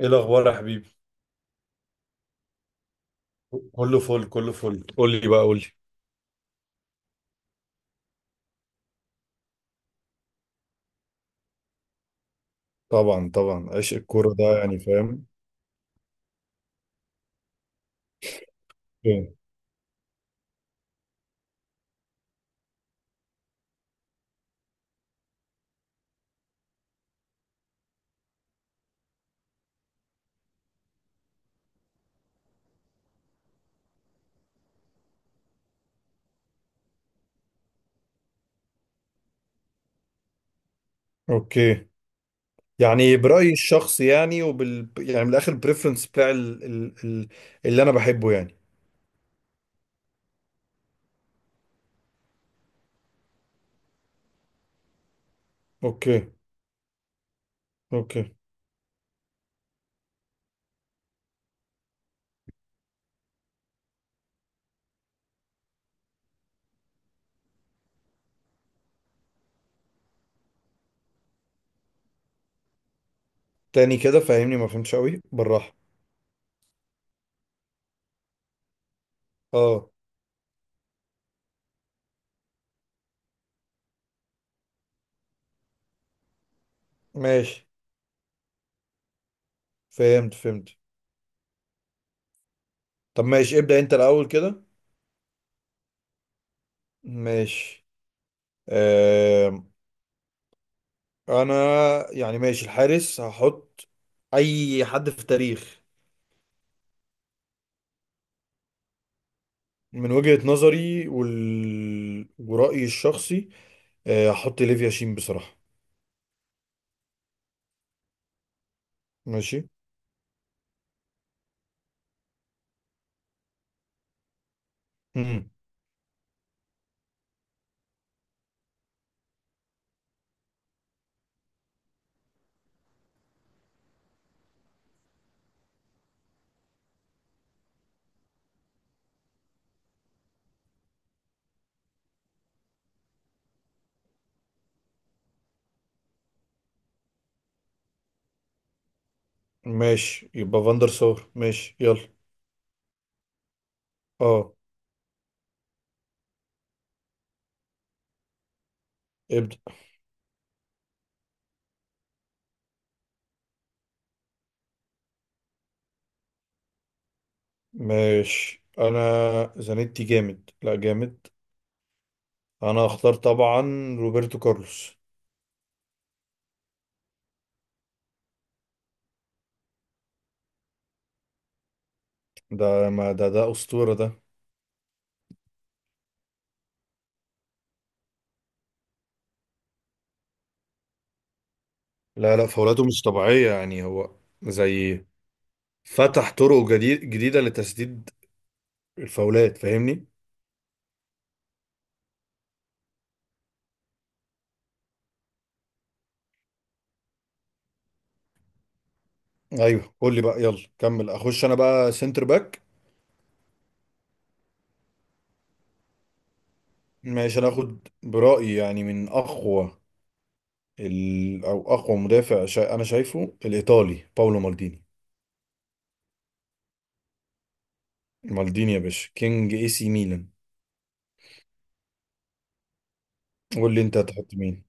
ايه الاخبار يا حبيبي؟ كله فل، كله فل. قول لي بقى، قول لي. طبعا طبعا، عشق الكوره ده، يعني فاهم. اوكي. أوكي. يعني برايي الشخصي يعني، وبال يعني، من الاخر البريفرنس بتاع اللي انا بحبه يعني. اوكي، اوكي. تاني كده فاهمني، ما فهمتش قوي، بالراحه. اه ماشي، فهمت فهمت. طب ماشي، ابدا انت الاول كده. ماشي. آم، انا يعني ماشي الحارس هحط اي حد في التاريخ. من وجهة نظري ورأيي الشخصي. هحط ليفيا شين بصراحة. ماشي. مم. ماشي، يبقى فاندر سار، ماشي يلا. اه، ابدأ ماشي. انا زانيتي جامد، لا جامد. انا هختار طبعا روبرتو كارلوس. ده ما ده أسطورة ده. لا لا، فولاته مش طبيعية يعني. هو زي فتح طرق جديدة لتسديد الفاولات، فاهمني. ايوه، قول لي بقى، يلا كمل. اخش انا بقى سنتر باك. ماشي، انا اخد برأيي يعني من اقوى او اقوى مدافع انا شايفه الايطالي باولو مالديني. مالديني يا باشا، كينج اي سي ميلان. قول لي انت هتحط مين.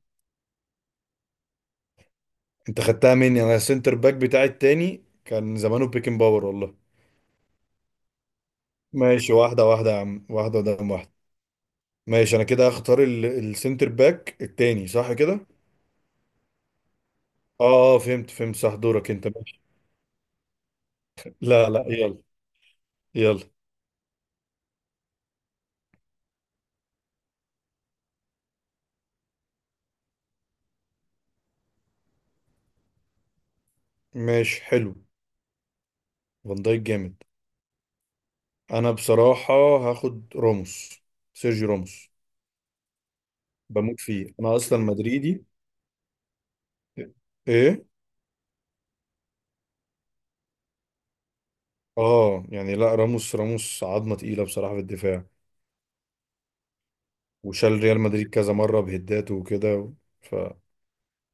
انت خدتها مني، انا السنتر باك بتاعي التاني كان زمانه بيكن باور والله. ماشي، واحدة واحدة يا عم، واحدة قدام واحدة. ماشي، انا كده هختار السنتر باك التاني، صح كده؟ اه. فهمت فهمت، صح دورك انت، ماشي. لا لا، يلا يلا. ماشي، حلو. فان دايك جامد. انا بصراحة هاخد راموس، سيرجي راموس. بموت فيه انا، اصلا مدريدي. ايه؟ اه يعني، لا راموس، راموس عظمة تقيلة بصراحة في الدفاع. وشال ريال مدريد كذا مرة بهداته وكده. ف...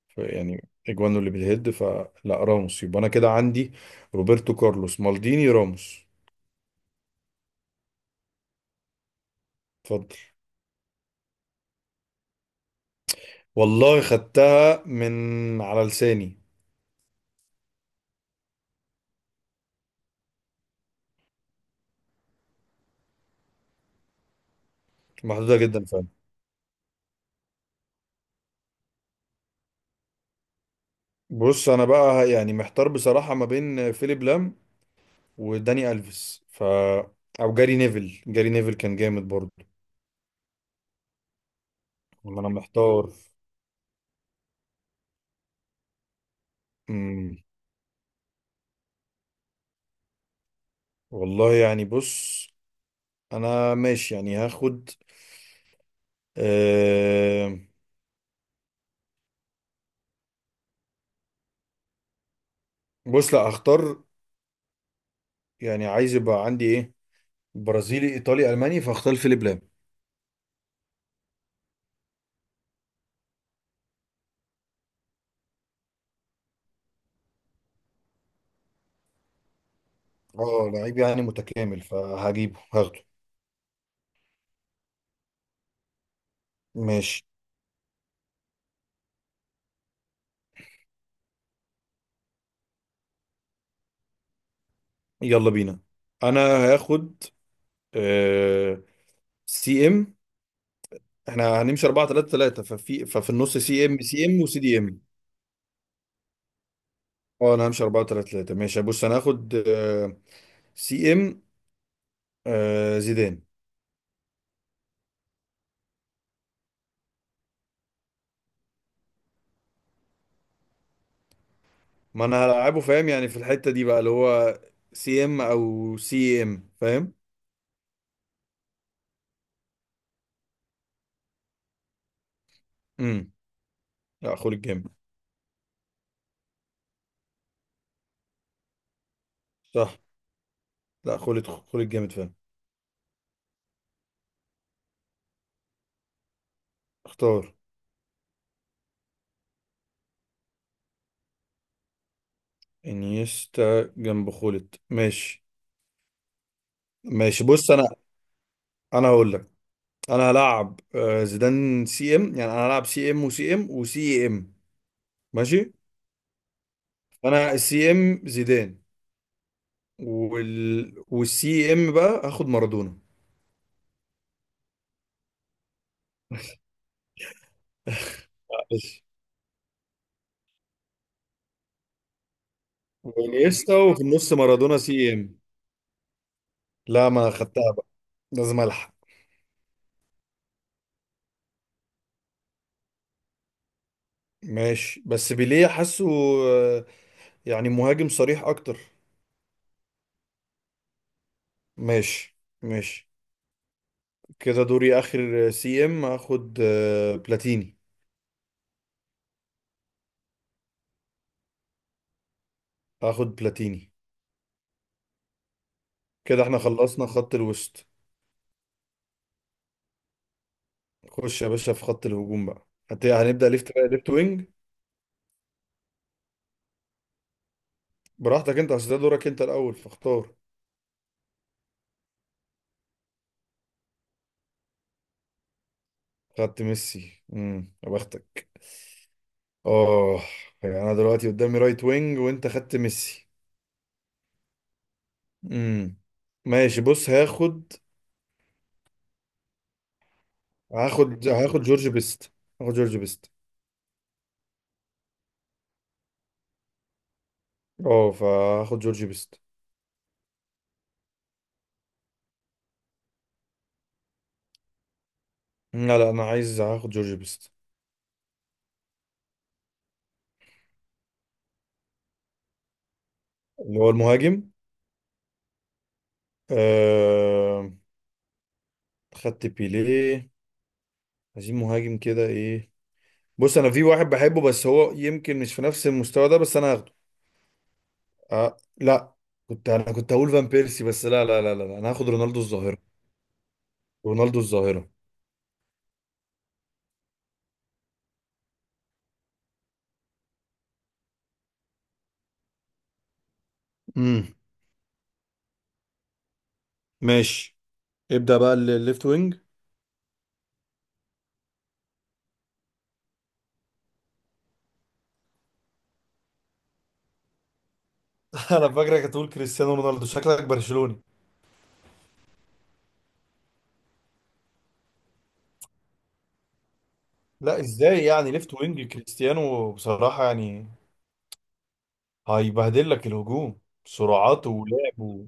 ف يعني اجوانه اللي بالهد فلا. راموس، يبقى انا كده عندي روبرتو كارلوس، مالديني، راموس. اتفضل. والله خدتها من على لساني. محدودة جدا فعلا. بص انا بقى يعني محتار بصراحة ما بين فيليب لام وداني الفيس، او جاري نيفل، جاري نيفل كان جامد برضه. والله انا محتار. امم. والله يعني. بص انا ماشي يعني هاخد أه... بص لا هختار، يعني عايز يبقى عندي ايه؟ برازيلي، ايطالي، الماني، فاختار فيليب لام. اه لعيب يعني متكامل، فهجيبه هاخده. ماشي، يلا بينا. انا هاخد أه... سي ام. احنا هنمشي 4 3 3، ففي النص سي ام، سي ام، وسي دي ام. اه انا همشي 4 3 3. ماشي، بص انا هاخد سي ام، زيدان. ما انا هلعبه فاهم يعني في الحتة دي بقى، اللي هو سي ام او سي ام، فاهم. امم لا خول الجامد. صح، لا خولت خول الجامد فاهم. اختار انيستا جنب خولت، ماشي. ماشي، بص انا هقول لك، انا هلعب زيدان سي ام، يعني انا هلعب سي ام وسي ام وسي ام. ماشي، انا السي ام زيدان والسي ام بقى هاخد مارادونا. ماشي، وانيستا، وفي النص مارادونا سي ام. لا، ما خدتها بقى، لازم الحق. ماشي، بس بيليه حاسه آه، يعني مهاجم صريح اكتر. ماشي ماشي، كده دوري اخر، سي ام هاخد بلاتيني. هاخد بلاتيني. كده احنا خلصنا خط الوسط. خش يا باشا في خط الهجوم بقى، هنبدأ ليفت بقى، ليفت وينج. براحتك انت، اصل ده دورك انت الاول، فاختار. خدت ميسي؟ يا بختك، اه. يعني انا دلوقتي قدامي رايت وينج، وانت خدت ميسي. امم. ماشي، بص هاخد. هاخد جورج بيست. هاخد جورج بيست. اه، فهاخد جورج بيست. لا لا، انا عايز هاخد جورج بيست. اللي هو المهاجم. آه... خدت بيليه. عايزين مهاجم كده، ايه؟ بص انا في واحد بحبه، بس هو يمكن مش في نفس المستوى ده، بس انا هاخده. لا، انا كنت هقول فان بيرسي، بس لا لا لا لا لا، انا هاخد رونالدو الظاهرة. رونالدو الظاهرة. امم ماشي، ابدأ بقى الليفت وينج. انا فاكرك هتقول كريستيانو رونالدو، شكلك برشلوني. لا، ازاي يعني ليفت وينج كريستيانو بصراحة؟ يعني هيبهدل لك الهجوم، سرعاته ولعبه.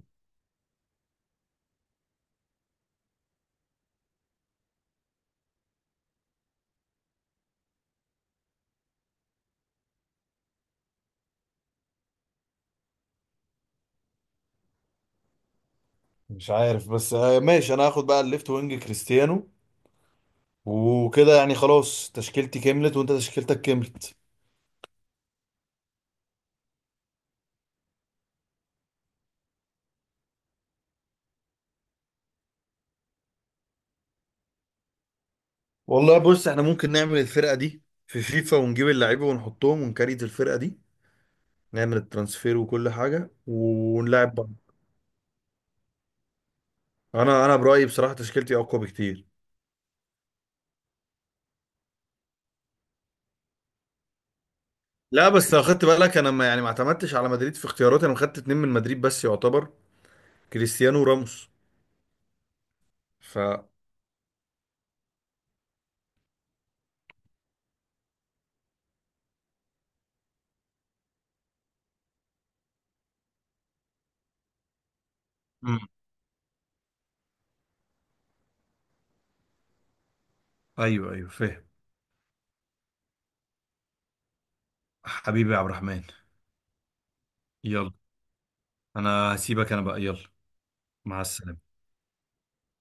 مش عارف بس، ماشي، انا هاخد بقى الليفت وينج كريستيانو. وكده يعني خلاص تشكيلتي كملت، وانت تشكيلتك كملت. والله بص، احنا ممكن نعمل الفرقة دي في فيفا، ونجيب اللعيبة ونحطهم ونكريت الفرقة دي، نعمل الترانسفير وكل حاجة ونلعب بعض. انا برأيي بصراحة تشكيلتي اقوى بكتير. لا بس لو خدت بالك انا، ما يعني ما اعتمدتش على مدريد في اختياراتي، انا خدت اتنين من مدريد بس يعتبر، كريستيانو وراموس. ف. مم. ايوه ايوه، فاهم. حبيبي يا عبد الرحمن. يلا انا هسيبك انا بقى. يلا، مع السلامة.